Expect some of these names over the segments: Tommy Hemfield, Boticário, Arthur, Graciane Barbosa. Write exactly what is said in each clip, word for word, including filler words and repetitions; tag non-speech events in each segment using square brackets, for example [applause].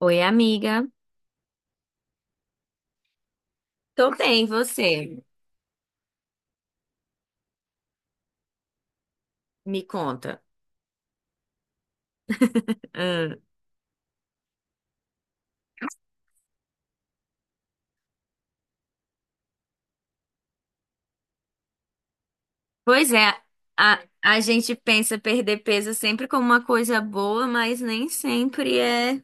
Oi, amiga. Tô bem, e você? Me conta. Hum. Pois é, a, a gente pensa perder peso sempre como uma coisa boa, mas nem sempre é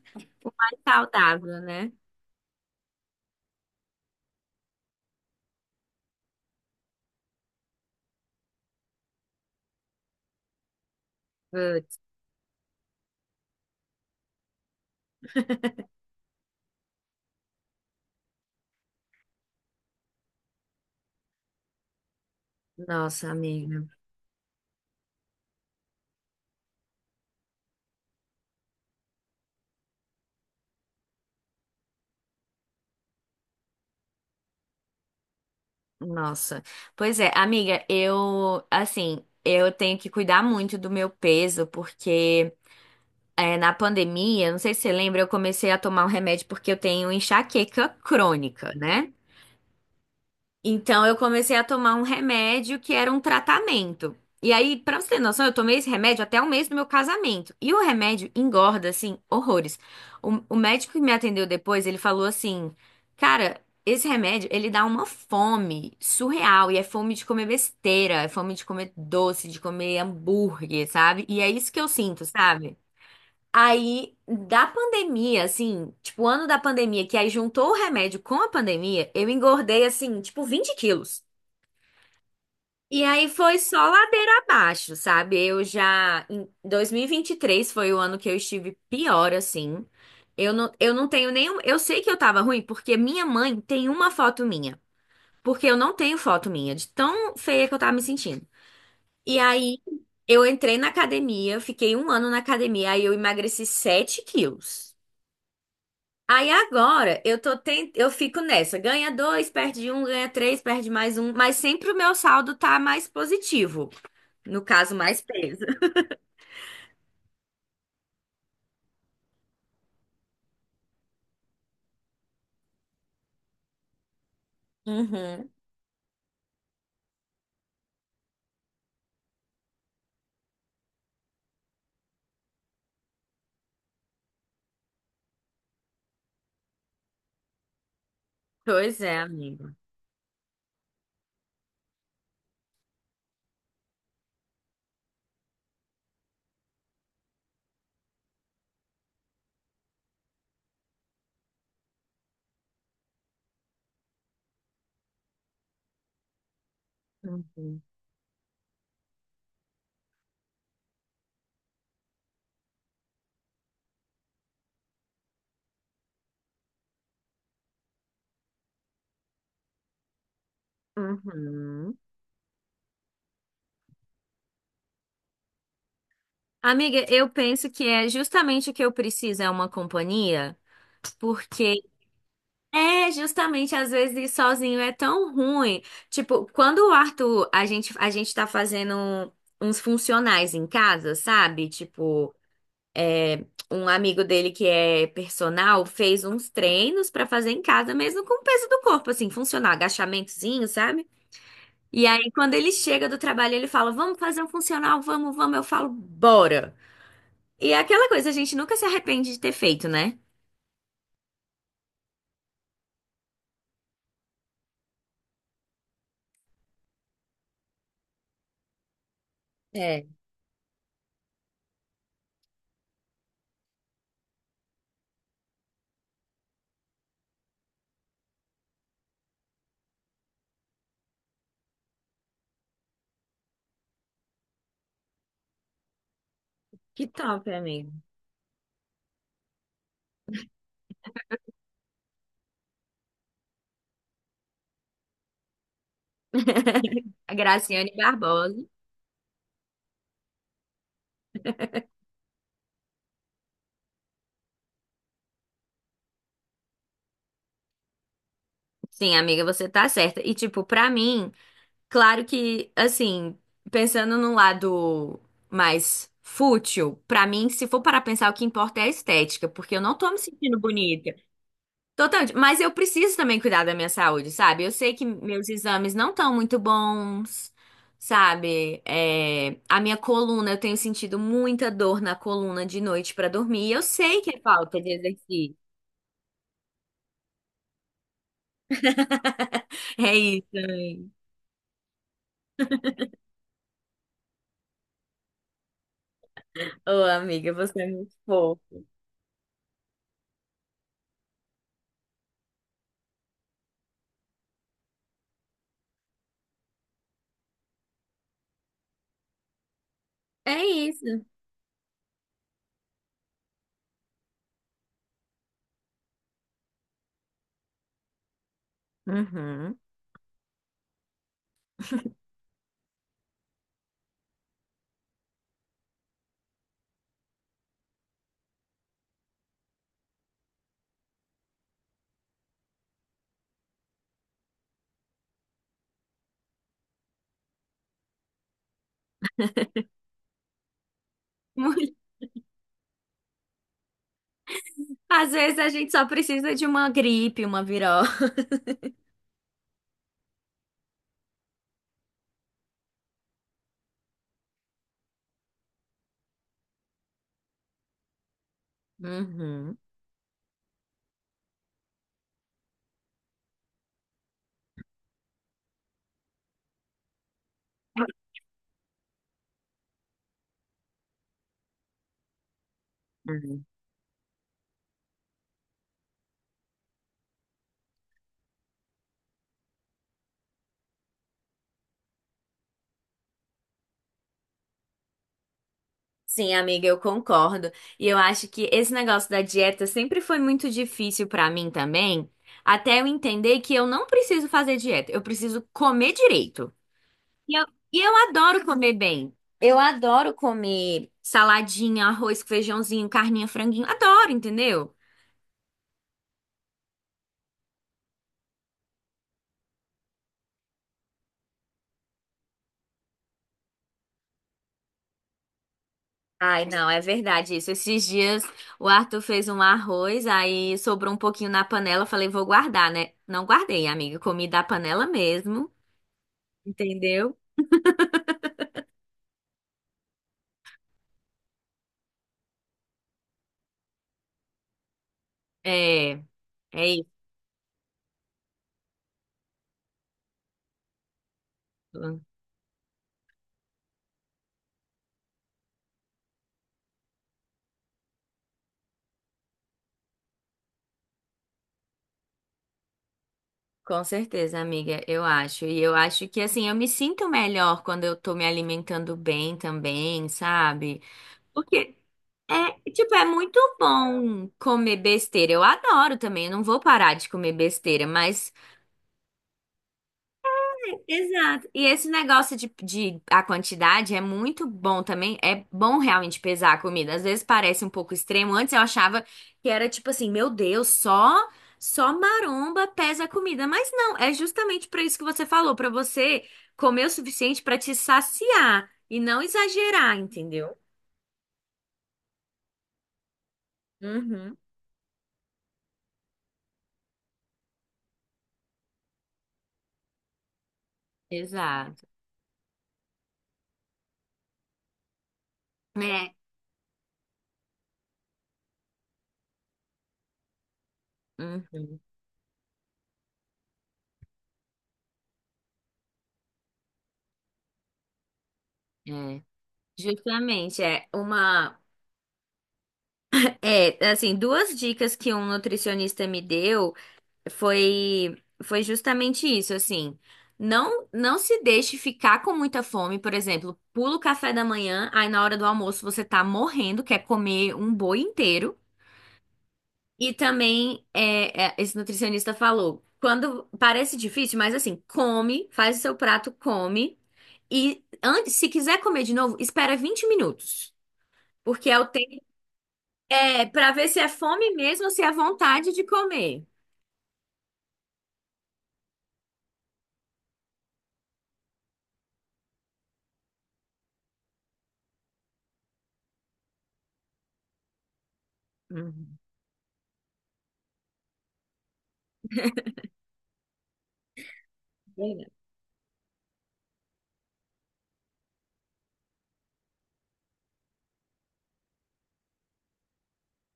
o mais saudável, né? Putz, nossa, amiga. Nossa. Pois é, amiga, eu, assim, eu tenho que cuidar muito do meu peso, porque é, na pandemia, não sei se você lembra, eu comecei a tomar um remédio porque eu tenho enxaqueca crônica, né? Então eu comecei a tomar um remédio que era um tratamento. E aí, pra você ter noção, eu tomei esse remédio até o mês do meu casamento. E o remédio engorda, assim, horrores. O, o médico que me atendeu depois, ele falou assim: Cara, esse remédio, ele dá uma fome surreal. E é fome de comer besteira, é fome de comer doce, de comer hambúrguer, sabe? E é isso que eu sinto, sabe? Aí, da pandemia, assim, tipo, o ano da pandemia, que aí juntou o remédio com a pandemia, eu engordei, assim, tipo, vinte quilos. E aí foi só ladeira abaixo, sabe? Eu já. Em dois mil e e vinte e três foi o ano que eu estive pior, assim. Eu não, eu não tenho nenhum. Eu sei que eu tava ruim porque minha mãe tem uma foto minha. Porque eu não tenho foto minha, de tão feia que eu tava me sentindo. E aí eu entrei na academia, fiquei um ano na academia, aí eu emagreci sete quilos. Aí agora eu tô ten... eu fico nessa, ganha dois, perde um, ganha três, perde mais um, mas sempre o meu saldo tá mais positivo. No caso, mais peso. Uhum. Pois é, amiga. Uhum. Uhum. Amiga, eu penso que é justamente o que eu preciso é uma companhia, porque é justamente às vezes ir sozinho é tão ruim. Tipo, quando o Arthur, a gente a gente tá fazendo uns funcionais em casa, sabe? Tipo, é, um amigo dele que é personal fez uns treinos pra fazer em casa mesmo com o peso do corpo, assim, funcional, agachamentozinho, sabe? E aí, quando ele chega do trabalho, ele fala: Vamos fazer um funcional, vamos, vamos. Eu falo: Bora. E é aquela coisa, a gente nunca se arrepende de ter feito, né? É. Que top, amigo. A Graciane Barbosa. Sim, amiga, você tá certa. E, tipo, pra mim. Claro que, assim, pensando num lado mais fútil, pra mim, se for para pensar, o que importa é a estética, porque eu não tô me sentindo bonita. Totalmente. Mas eu preciso também cuidar da minha saúde, sabe? Eu sei que meus exames não estão muito bons, sabe? É, a minha coluna, eu tenho sentido muita dor na coluna de noite pra dormir, e eu sei que é falta de exercício. É isso, amiga. Ô, amiga, você é muito fofa. É isso. Uhum. Às vezes a gente só precisa de uma gripe, uma viró. Uhum. Uhum. Sim, amiga, eu concordo. E eu acho que esse negócio da dieta sempre foi muito difícil pra mim também, até eu entender que eu não preciso fazer dieta, eu preciso comer direito. E eu, e eu adoro comer bem. Eu adoro comer saladinha, arroz, com feijãozinho, carninha, franguinho. Adoro, entendeu? Ai, não, é verdade isso. Esses dias o Arthur fez um arroz, aí sobrou um pouquinho na panela. Eu falei, vou guardar, né? Não guardei, amiga. Comi da panela mesmo, entendeu? É, é isso. Com certeza, amiga, eu acho. E eu acho que, assim, eu me sinto melhor quando eu tô me alimentando bem também, sabe? Porque é, tipo, é muito bom comer besteira. Eu adoro também, eu não vou parar de comer besteira, mas. Exato. E esse negócio de, de a quantidade é muito bom também. É bom realmente pesar a comida. Às vezes parece um pouco extremo. Antes eu achava que era tipo assim, meu Deus, só só maromba pesa a comida. Mas não, é justamente para isso que você falou, para você comer o suficiente para te saciar e não exagerar, entendeu? Uhum. Exato. É. Uhum. É. Justamente, é uma. É, assim, duas dicas que um nutricionista me deu. foi foi justamente isso, assim. Não não se deixe ficar com muita fome, por exemplo, pula o café da manhã, aí na hora do almoço você tá morrendo, quer comer um boi inteiro. E também é, é, esse nutricionista falou, quando parece difícil, mas assim, come, faz o seu prato, come e antes, se quiser comer de novo, espera vinte minutos, porque é o tempo é para ver se é fome mesmo ou se é vontade de comer. Uhum.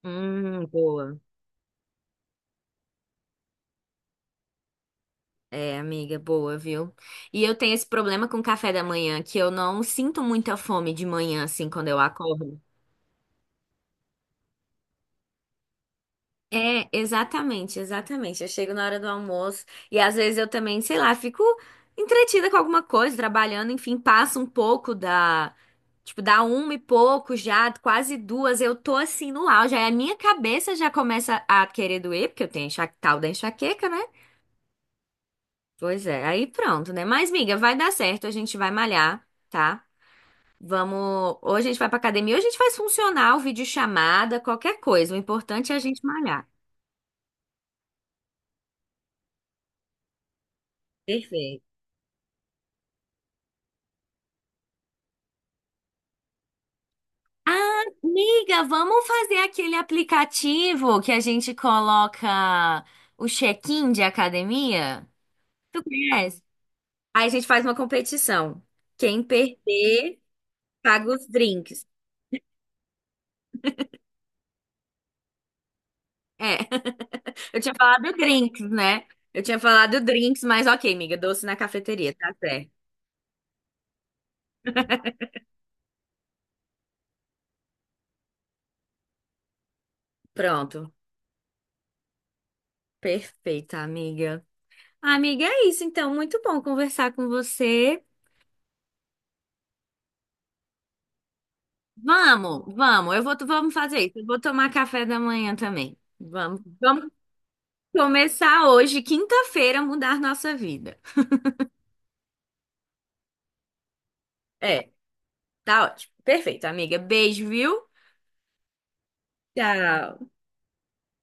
Hum, boa. É, amiga, boa, viu? E eu tenho esse problema com o café da manhã, que eu não sinto muita fome de manhã, assim, quando eu acordo. É, exatamente, exatamente. Eu chego na hora do almoço e às vezes eu também, sei lá, fico entretida com alguma coisa, trabalhando, enfim, passa um pouco da. Tipo, dá uma e pouco já, quase duas, eu tô assim no auge. Aí a minha cabeça já começa a querer doer, porque eu tenho enxa- tal da enxaqueca, né? Pois é, aí pronto, né? Mas, miga, vai dar certo, a gente vai malhar, tá? Vamos. Ou a gente vai pra academia, ou a gente faz funcional, videochamada, qualquer coisa. O importante é a gente malhar. Perfeito. Ah, amiga, vamos fazer aquele aplicativo que a gente coloca o check-in de academia? Tu conhece? Aí a gente faz uma competição. Quem perder, paga os drinks. É, [laughs] eu tinha falado drinks, né? Eu tinha falado drinks, mas ok, amiga, doce na cafeteria, tá certo. Pronto. Perfeita, amiga. Amiga, é isso então. Muito bom conversar com você. Vamos, vamos. Eu vou, vamos fazer isso. Eu vou tomar café da manhã também. Vamos, vamos começar hoje, quinta-feira, mudar nossa vida. É, tá ótimo. Perfeito, amiga. Beijo, viu? Tchau.